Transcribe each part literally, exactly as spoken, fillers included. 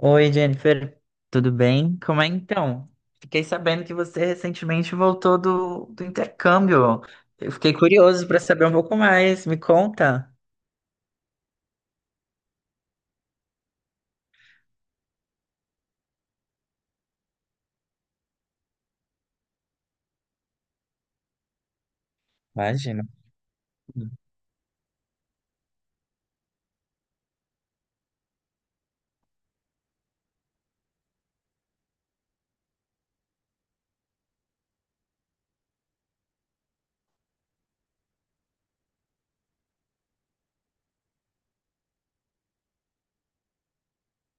Oi, Jennifer, tudo bem? Como é então? Fiquei sabendo que você recentemente voltou do, do intercâmbio. Eu fiquei curioso para saber um pouco mais. Me conta. Imagina.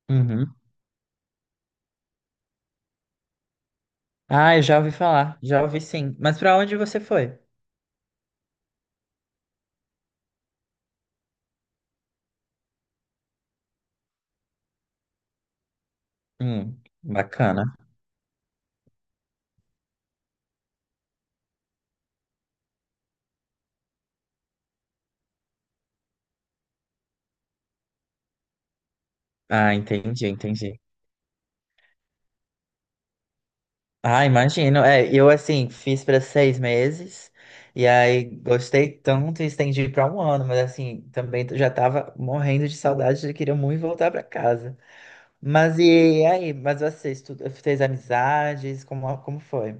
Uhum. Ah, eu já ouvi falar, já ouvi sim. Mas para onde você foi? Hum, bacana. Ah, entendi, entendi. Ah, imagino. É, eu assim fiz para seis meses e aí gostei tanto e estendi para um ano, mas assim também já tava morrendo de saudade e queria muito voltar para casa. Mas e aí? Mas você estuda, fez amizades? Como, como foi?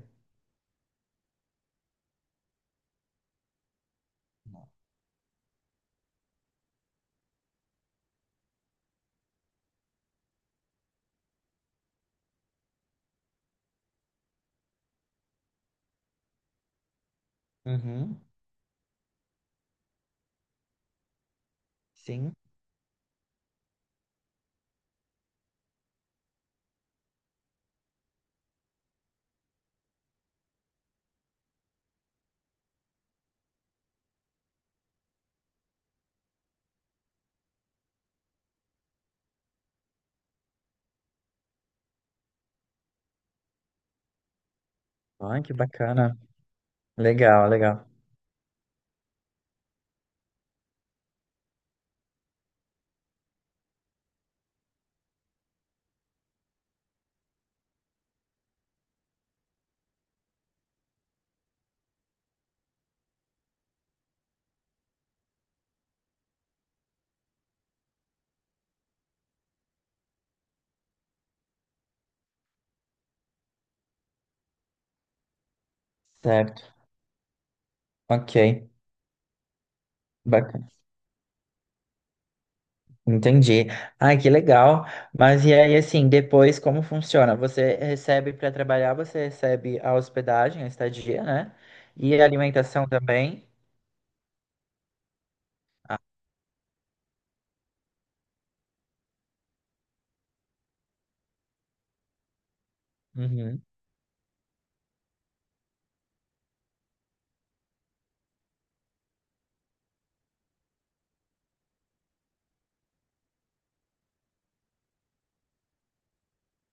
Uhum, sim. Ai, que bacana. Legal, legal. Certo. Ok. Bacana. Entendi. Ai, que legal. Mas e aí, assim, depois como funciona? Você recebe para trabalhar, você recebe a hospedagem, a estadia, né? E a alimentação também. Uhum,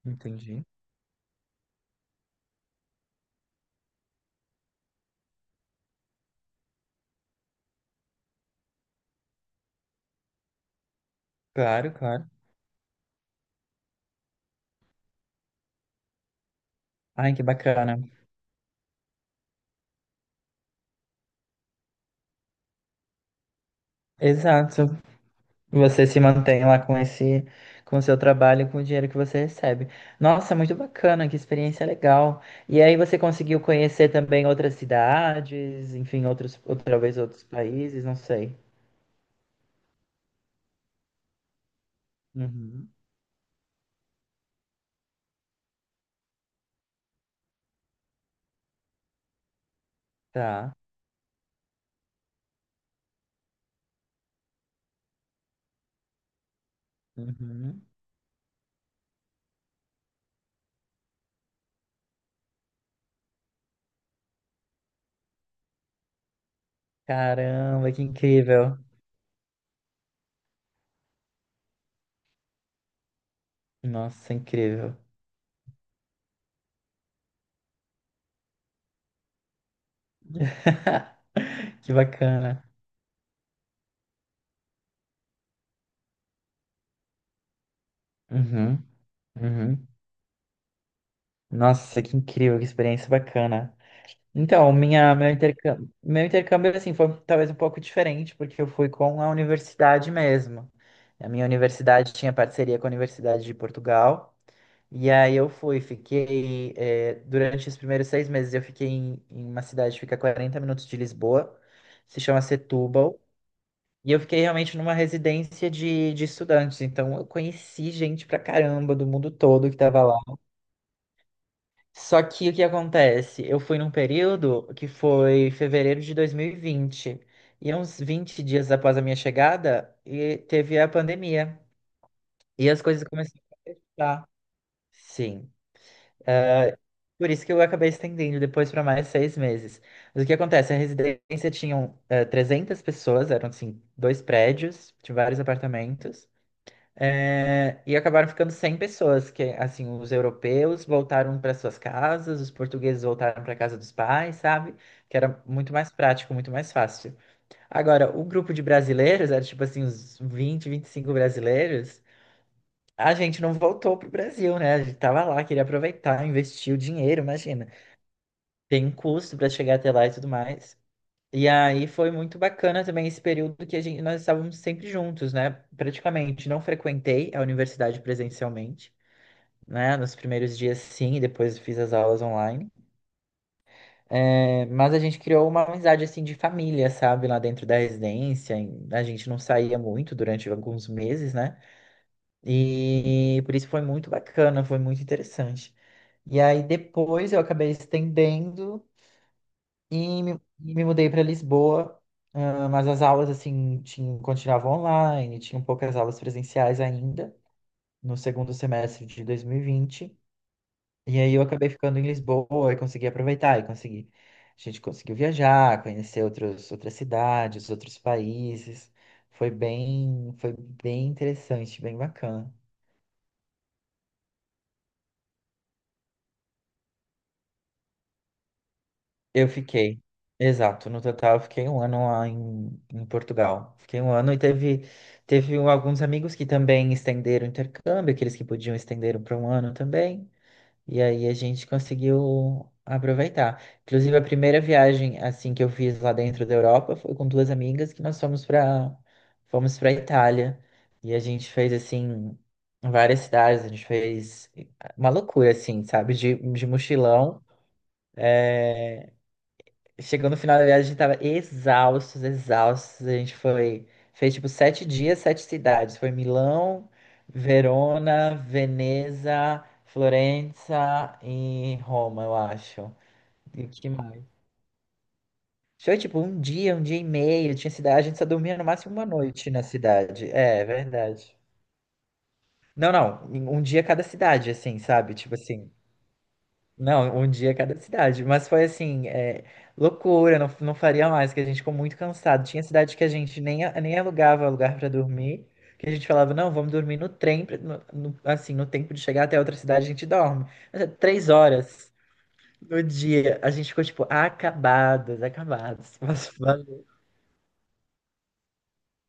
entendi. Claro, claro. Ai, que bacana. Exato. Você se mantém lá com esse, com o seu trabalho, e com o dinheiro que você recebe. Nossa, muito bacana, que experiência legal. E aí você conseguiu conhecer também outras cidades, enfim, outros, outra vez outros países, não sei. Uhum. Tá. Uhum. Caramba, que incrível. Nossa, incrível. Que bacana. Uhum, uhum. Nossa, que incrível, que experiência bacana. Então, minha, meu intercâmbio, meu intercâmbio assim foi talvez um pouco diferente, porque eu fui com a universidade mesmo. A minha universidade tinha parceria com a Universidade de Portugal, e aí eu fui, fiquei, eh, durante os primeiros seis meses eu fiquei em, em uma cidade que fica a quarenta minutos de Lisboa, se chama Setúbal, e eu fiquei realmente numa residência de, de estudantes, então eu conheci gente pra caramba do mundo todo que tava lá. Só que o que acontece? Eu fui num período que foi fevereiro de dois mil e vinte. E vinte. E é uns vinte dias após a minha chegada, e teve a pandemia. E as coisas começaram a fechar. Sim. Por isso que eu acabei estendendo depois para mais seis meses. Mas o que acontece? A residência tinha eh, trezentas pessoas, eram assim, dois prédios, tinha vários apartamentos. É, e acabaram ficando cem pessoas, que assim, os europeus voltaram para suas casas, os portugueses voltaram para casa dos pais, sabe? Que era muito mais prático, muito mais fácil. Agora, o grupo de brasileiros, era tipo assim, uns vinte, vinte e cinco brasileiros, a gente não voltou pro Brasil, né? A gente tava lá, queria aproveitar, investir o dinheiro, imagina. Tem um custo para chegar até lá e tudo mais. E aí foi muito bacana também esse período que a gente, nós estávamos sempre juntos, né? Praticamente não frequentei a universidade presencialmente, né? Nos primeiros dias, sim, e depois fiz as aulas online. É, mas a gente criou uma amizade, assim, de família, sabe? Lá dentro da residência. em- A gente não saía muito durante alguns meses, né? E por isso foi muito bacana, foi muito interessante. E aí depois eu acabei estendendo e me, e me mudei para Lisboa. Ah, mas as aulas, assim, tinham, continuavam online, tinham poucas aulas presenciais ainda, no segundo semestre de dois mil e vinte. E aí eu acabei ficando em Lisboa e consegui aproveitar e consegui. A gente conseguiu viajar, conhecer outros, outras cidades, outros países. Foi bem, foi bem interessante, bem bacana. Eu fiquei, exato, no total eu fiquei um ano lá em, em Portugal. Fiquei um ano e teve, teve alguns amigos que também estenderam o intercâmbio, aqueles que podiam estenderam para um ano também. E aí a gente conseguiu aproveitar. Inclusive, a primeira viagem assim que eu fiz lá dentro da Europa foi com duas amigas que nós fomos para fomos para Itália. E a gente fez assim várias cidades, a gente fez uma loucura assim, sabe? De, de mochilão. É, chegou no final da viagem, a gente tava exaustos, exaustos. A gente foi, fez tipo sete dias, sete cidades. Foi Milão, Verona, Veneza, Florença e Roma, eu acho. E que mais? Foi tipo um dia, um dia e meio. Tinha cidade, a gente só dormia no máximo uma noite na cidade. É, é verdade. Não, não, um dia cada cidade, assim, sabe? Tipo assim, não, um dia cada cidade. Mas foi assim, é, loucura, não, não faria mais, que a gente ficou muito cansado. Tinha cidade que a gente nem, a- nem alugava lugar para dormir, que a gente falava, não, vamos dormir no trem, pra- no- no- assim, no tempo de chegar até outra cidade a gente dorme. Mas é três horas no dia, a gente ficou, tipo, acabados, acabados. Mas valeu.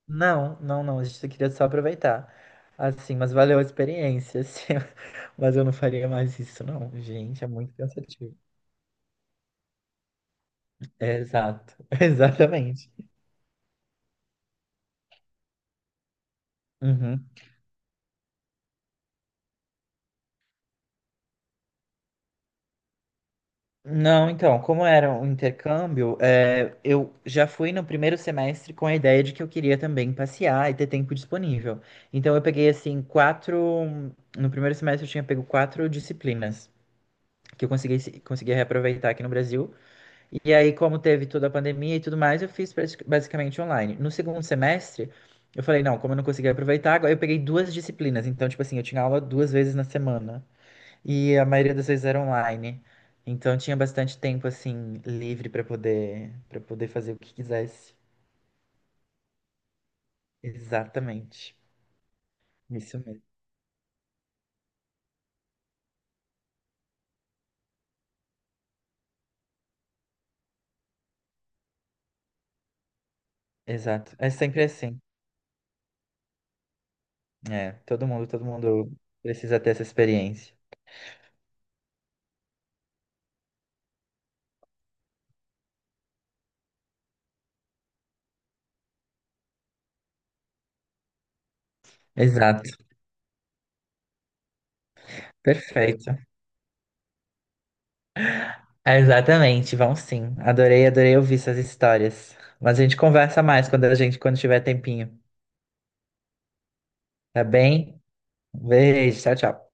Não, não, não, a gente só queria só aproveitar. Assim, mas valeu a experiência, assim. Mas eu não faria mais isso, não. Gente, é muito cansativo. Exato, exatamente. Uhum. Não, então, como era um intercâmbio, é, eu já fui no primeiro semestre com a ideia de que eu queria também passear e ter tempo disponível. Então, eu peguei, assim, quatro. No primeiro semestre, eu tinha pego quatro disciplinas que eu consegui, se- consegui reaproveitar aqui no Brasil. E aí, como teve toda a pandemia e tudo mais, eu fiz prati- basicamente online. No segundo semestre, eu falei, não, como eu não consegui aproveitar, agora eu peguei duas disciplinas. Então, tipo assim, eu tinha aula duas vezes na semana. E a maioria das vezes era online. Então tinha bastante tempo assim livre para poder para poder fazer o que quisesse. Exatamente. Isso mesmo. Exato. É sempre assim. É, todo mundo, todo mundo precisa ter essa experiência. Exato. Perfeito. É, exatamente. Vão sim. Adorei, adorei ouvir essas histórias. Mas a gente conversa mais quando a gente quando tiver tempinho, tá bem? Um beijo, tchau, tchau.